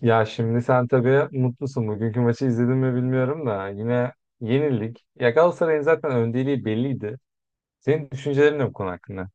Ya şimdi sen tabii mutlusun. Bugünkü maçı izledin mi bilmiyorum da yine yenildik. Ya Galatasaray'ın zaten öndeliği belliydi. Senin düşüncelerin ne bu konu hakkında?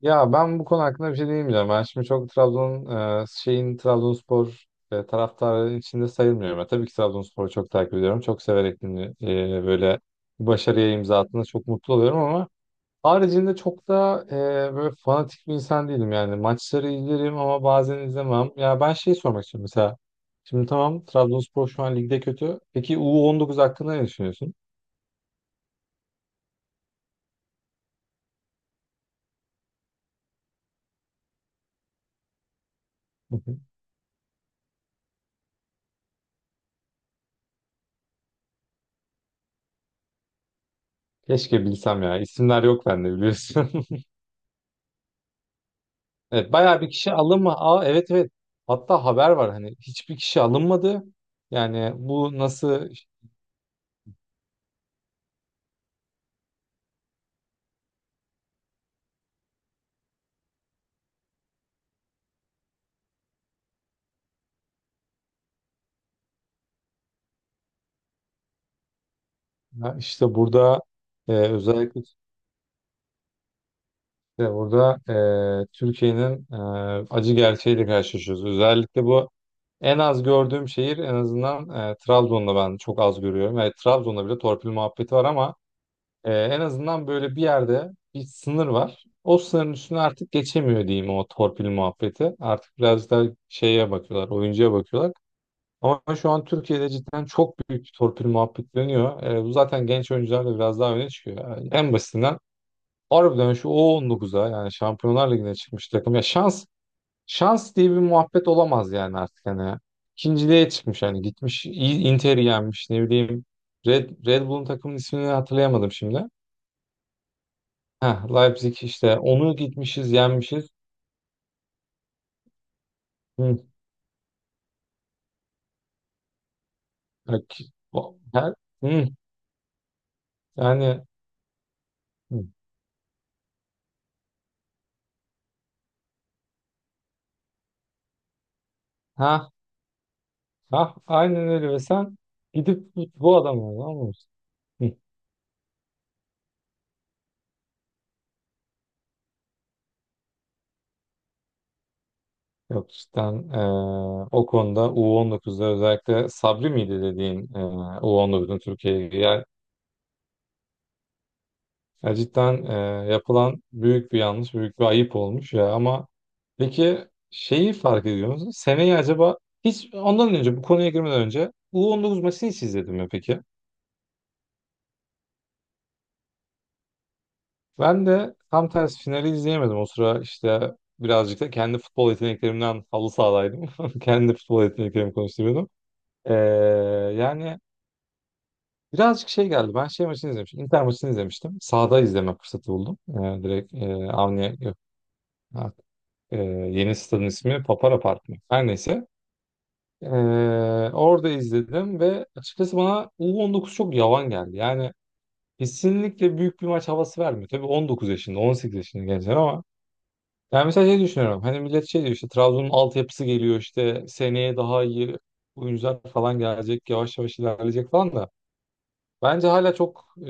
Ya ben bu konu hakkında bir şey diyemeyeceğim. Ben şimdi çok Trabzon şeyin Trabzonspor taraftarı içinde sayılmıyorum. Ben tabii ki Trabzonspor'u çok takip ediyorum. Çok severek böyle başarıya imza attığında çok mutlu oluyorum ama haricinde çok da böyle fanatik bir insan değilim yani. Maçları izlerim ama bazen izlemem. Ya ben şey sormak istiyorum mesela. Şimdi tamam, Trabzonspor şu an ligde kötü. Peki U19 hakkında ne düşünüyorsun? Hı hı. Keşke bilsem ya. İsimler yok bende, biliyorsun. Evet, bayağı bir kişi alınma. Aa, evet evet. Hatta haber var, hani hiçbir kişi alınmadı. Yani bu nasıl, ya işte burada özellikle işte burada Türkiye'nin acı gerçeğiyle karşılaşıyoruz. Özellikle bu en az gördüğüm şehir, en azından Trabzon'da ben çok az görüyorum. Evet, Trabzon'da bile torpil muhabbeti var ama en azından böyle bir yerde bir sınır var. O sınırın üstüne artık geçemiyor diyeyim o torpil muhabbeti. Artık biraz daha şeye bakıyorlar, oyuncuya bakıyorlar. Ama şu an Türkiye'de cidden çok büyük bir torpil muhabbeti dönüyor. Bu zaten genç oyuncular da biraz daha öne çıkıyor. Yani en basitinden harbiden şu U19'a yani Şampiyonlar Ligi'ne çıkmış takım. Şans diye bir muhabbet olamaz yani artık hani. İkinciliğe çıkmış, hani gitmiş Inter'i yenmiş, ne bileyim. Red Bull'un takımın ismini hatırlayamadım şimdi. Heh, Leipzig, işte onu gitmişiz yenmişiz. Hı, bak, o- her, hı, yani hı, ha ha aynen öyle ve sen gidip bu adamı anlamışsın. Hı. Yok cidden o konuda U19'da özellikle Sabri miydi dediğin U19'un Türkiye'ye. Ya cidden yapılan büyük bir yanlış, büyük bir ayıp olmuş ya. Ama peki şeyi fark ediyor musun? Seneyi acaba hiç ondan önce, bu konuya girmeden önce U19 maçını hiç izledim mi peki? Ben de tam tersi finali izleyemedim. O sıra işte birazcık da kendi futbol yeteneklerimden halı sahadaydım. Kendi futbol yeteneklerimi konuşturuyordum. Ee, Yani birazcık şey geldi. Ben şey maçını izlemiştim. Inter maçını izlemiştim. Sahada izleme fırsatı buldum. Direkt Avni yok. Ee, Yeni stadın ismi Papara Park mı? Her neyse. Ee, Orada izledim ve açıkçası bana U19 çok yavan geldi. Yani kesinlikle büyük bir maç havası vermiyor. Tabii 19 yaşında, 18 yaşında gençler ama yani mesela şey düşünüyorum. Hani millet şey diyor, işte Trabzon'un altyapısı geliyor, işte seneye daha iyi oyuncular falan gelecek, yavaş yavaş ilerleyecek falan da bence hala çok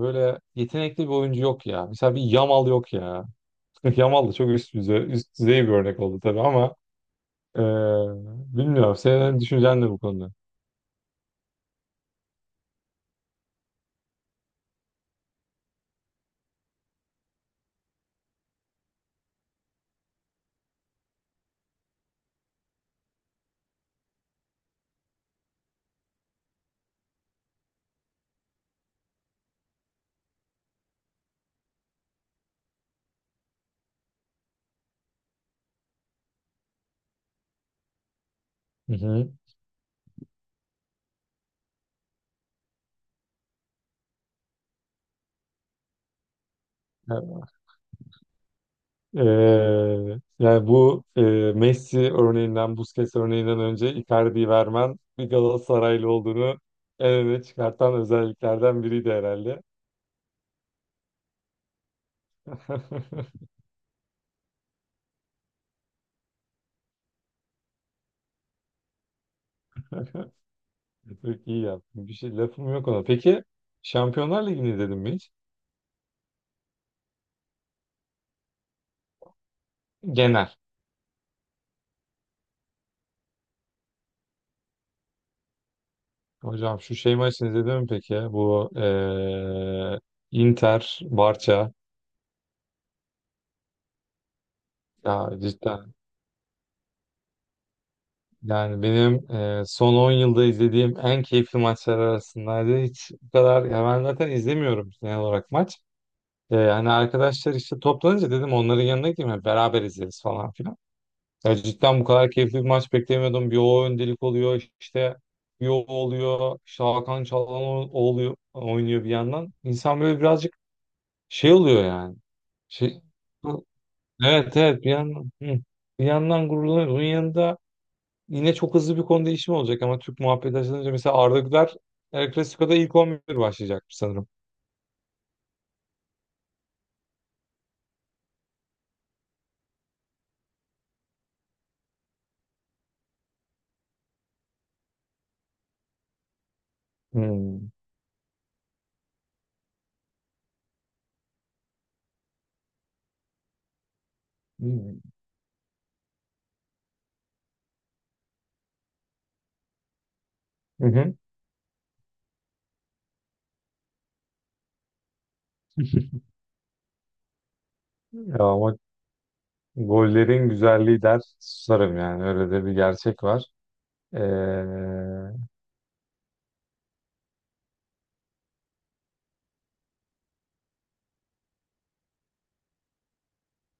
böyle yetenekli bir oyuncu yok ya. Mesela bir Yamal yok ya. Yamal da çok üst düzey, üst düzey bir örnek oldu tabii ama Ee, bilmiyorum. Senin düşüncen ne bu konuda? Hı hı. Ee, Yani bu Messi örneğinden, Busquets örneğinden önce Icardi'yi vermen bir Galatasaraylı olduğunu en öne çıkartan özelliklerden biriydi herhalde. Çok iyi yaptın. Bir şey lafım yok ona. Peki Şampiyonlar Ligi'ni izledin mi hiç? Genel. Hocam şu şey maçını izledin mi peki, ya? Bu Inter, Barça. Ya cidden. Yani benim son 10 yılda izlediğim en keyifli maçlar arasındaydı. Hiç bu kadar, ya ben zaten izlemiyorum genel olarak maç. Hani arkadaşlar işte toplanınca dedim onların yanına gideyim, hani beraber izleriz falan filan. Ya cidden bu kadar keyifli bir maç beklemiyordum. Bir o öndelik oluyor, işte bir o oluyor. İşte Hakan Çalhanoğlu oluyor oynuyor bir yandan. İnsan böyle birazcık şey oluyor yani. Şey, evet evet bir yandan, hı, bir yandan gururlanıyor. Bunun yanında yine çok hızlı bir konu değişimi olacak ama Türk muhabbeti açılınca mesela Arda Güler El Clasico'da ilk 11 başlayacak sanırım. Hmm. Hmm. Hı hı. Ya ama gollerin güzelliği der susarım, yani öyle de bir gerçek var. Ee,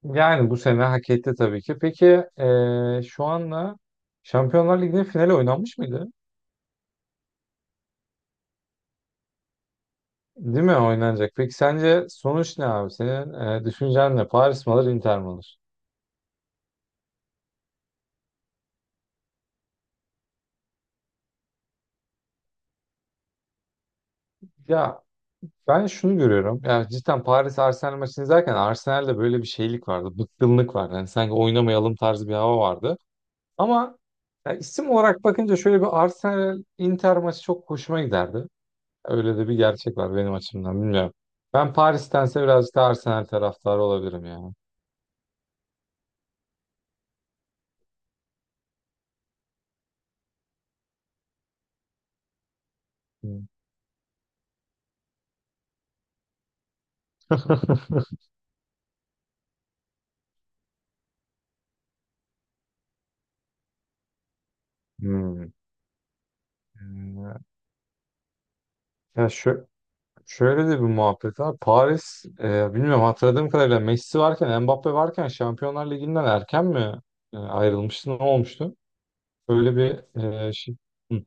Yani bu sene hak etti tabii ki. Peki şu anla Şampiyonlar Ligi'nin finali oynanmış mıydı? Değil mi, oynanacak? Peki sence sonuç ne abi? Senin düşüncen ne? Paris mi alır, Inter mi alır? Ya, ben şunu görüyorum. Yani cidden Paris Arsenal maçını izlerken Arsenal'de böyle bir şeylik vardı. Bıkkınlık vardı. Yani sanki oynamayalım tarzı bir hava vardı. Ama ya isim olarak bakınca şöyle bir Arsenal Inter maçı çok hoşuma giderdi. Öyle de bir gerçek var benim açımdan, bilmiyorum. Ben Paris'tense birazcık da Arsenal taraftarı olabilirim ya. Hmm. Hmm. Ya şu, Şöyle de bir muhabbet var. Paris, bilmiyorum hatırladığım kadarıyla Messi varken, Mbappe varken Şampiyonlar Ligi'nden erken mi ayrılmıştı? Ne olmuştu? Böyle bir şey. Hı.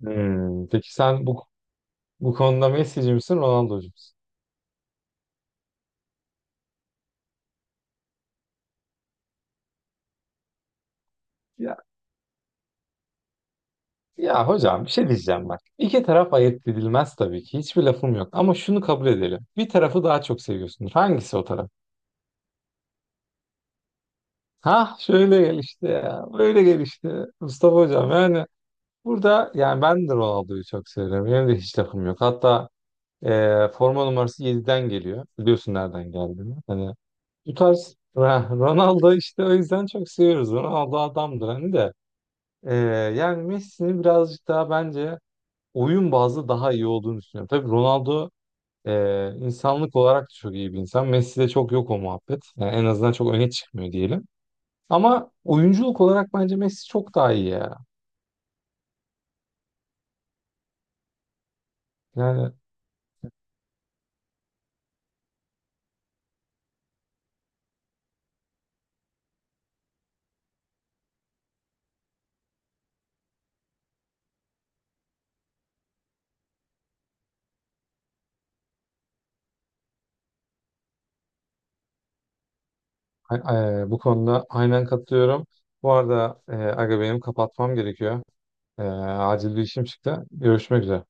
Hmm. Peki sen bu konuda Messi'ci misin, Ronaldo'cu musun? Ya, ya, hocam bir şey diyeceğim bak. İki taraf ayırt edilmez tabii ki. Hiçbir lafım yok. Ama şunu kabul edelim. Bir tarafı daha çok seviyorsundur. Hangisi o taraf? Ha, şöyle gel işte ya. Böyle gel işte. Mustafa hocam, yani burada yani ben de Ronaldo'yu çok seviyorum. Benim de hiç takım yok. Hatta forma numarası yediden geliyor. Biliyorsun nereden geldiğini. Hani bu tarz Ronaldo işte o yüzden çok seviyoruz. Ronaldo adamdır hani de. E, Yani Messi'nin birazcık daha bence oyun bazlı daha iyi olduğunu düşünüyorum. Tabii Ronaldo insanlık olarak da çok iyi bir insan. Messi'de çok yok o muhabbet. Yani en azından çok öne çıkmıyor diyelim. Ama oyunculuk olarak bence Messi çok daha iyi ya. Yani A- bu konuda aynen katılıyorum. Bu arada Aga benim kapatmam gerekiyor. Acil bir işim çıktı. Görüşmek üzere.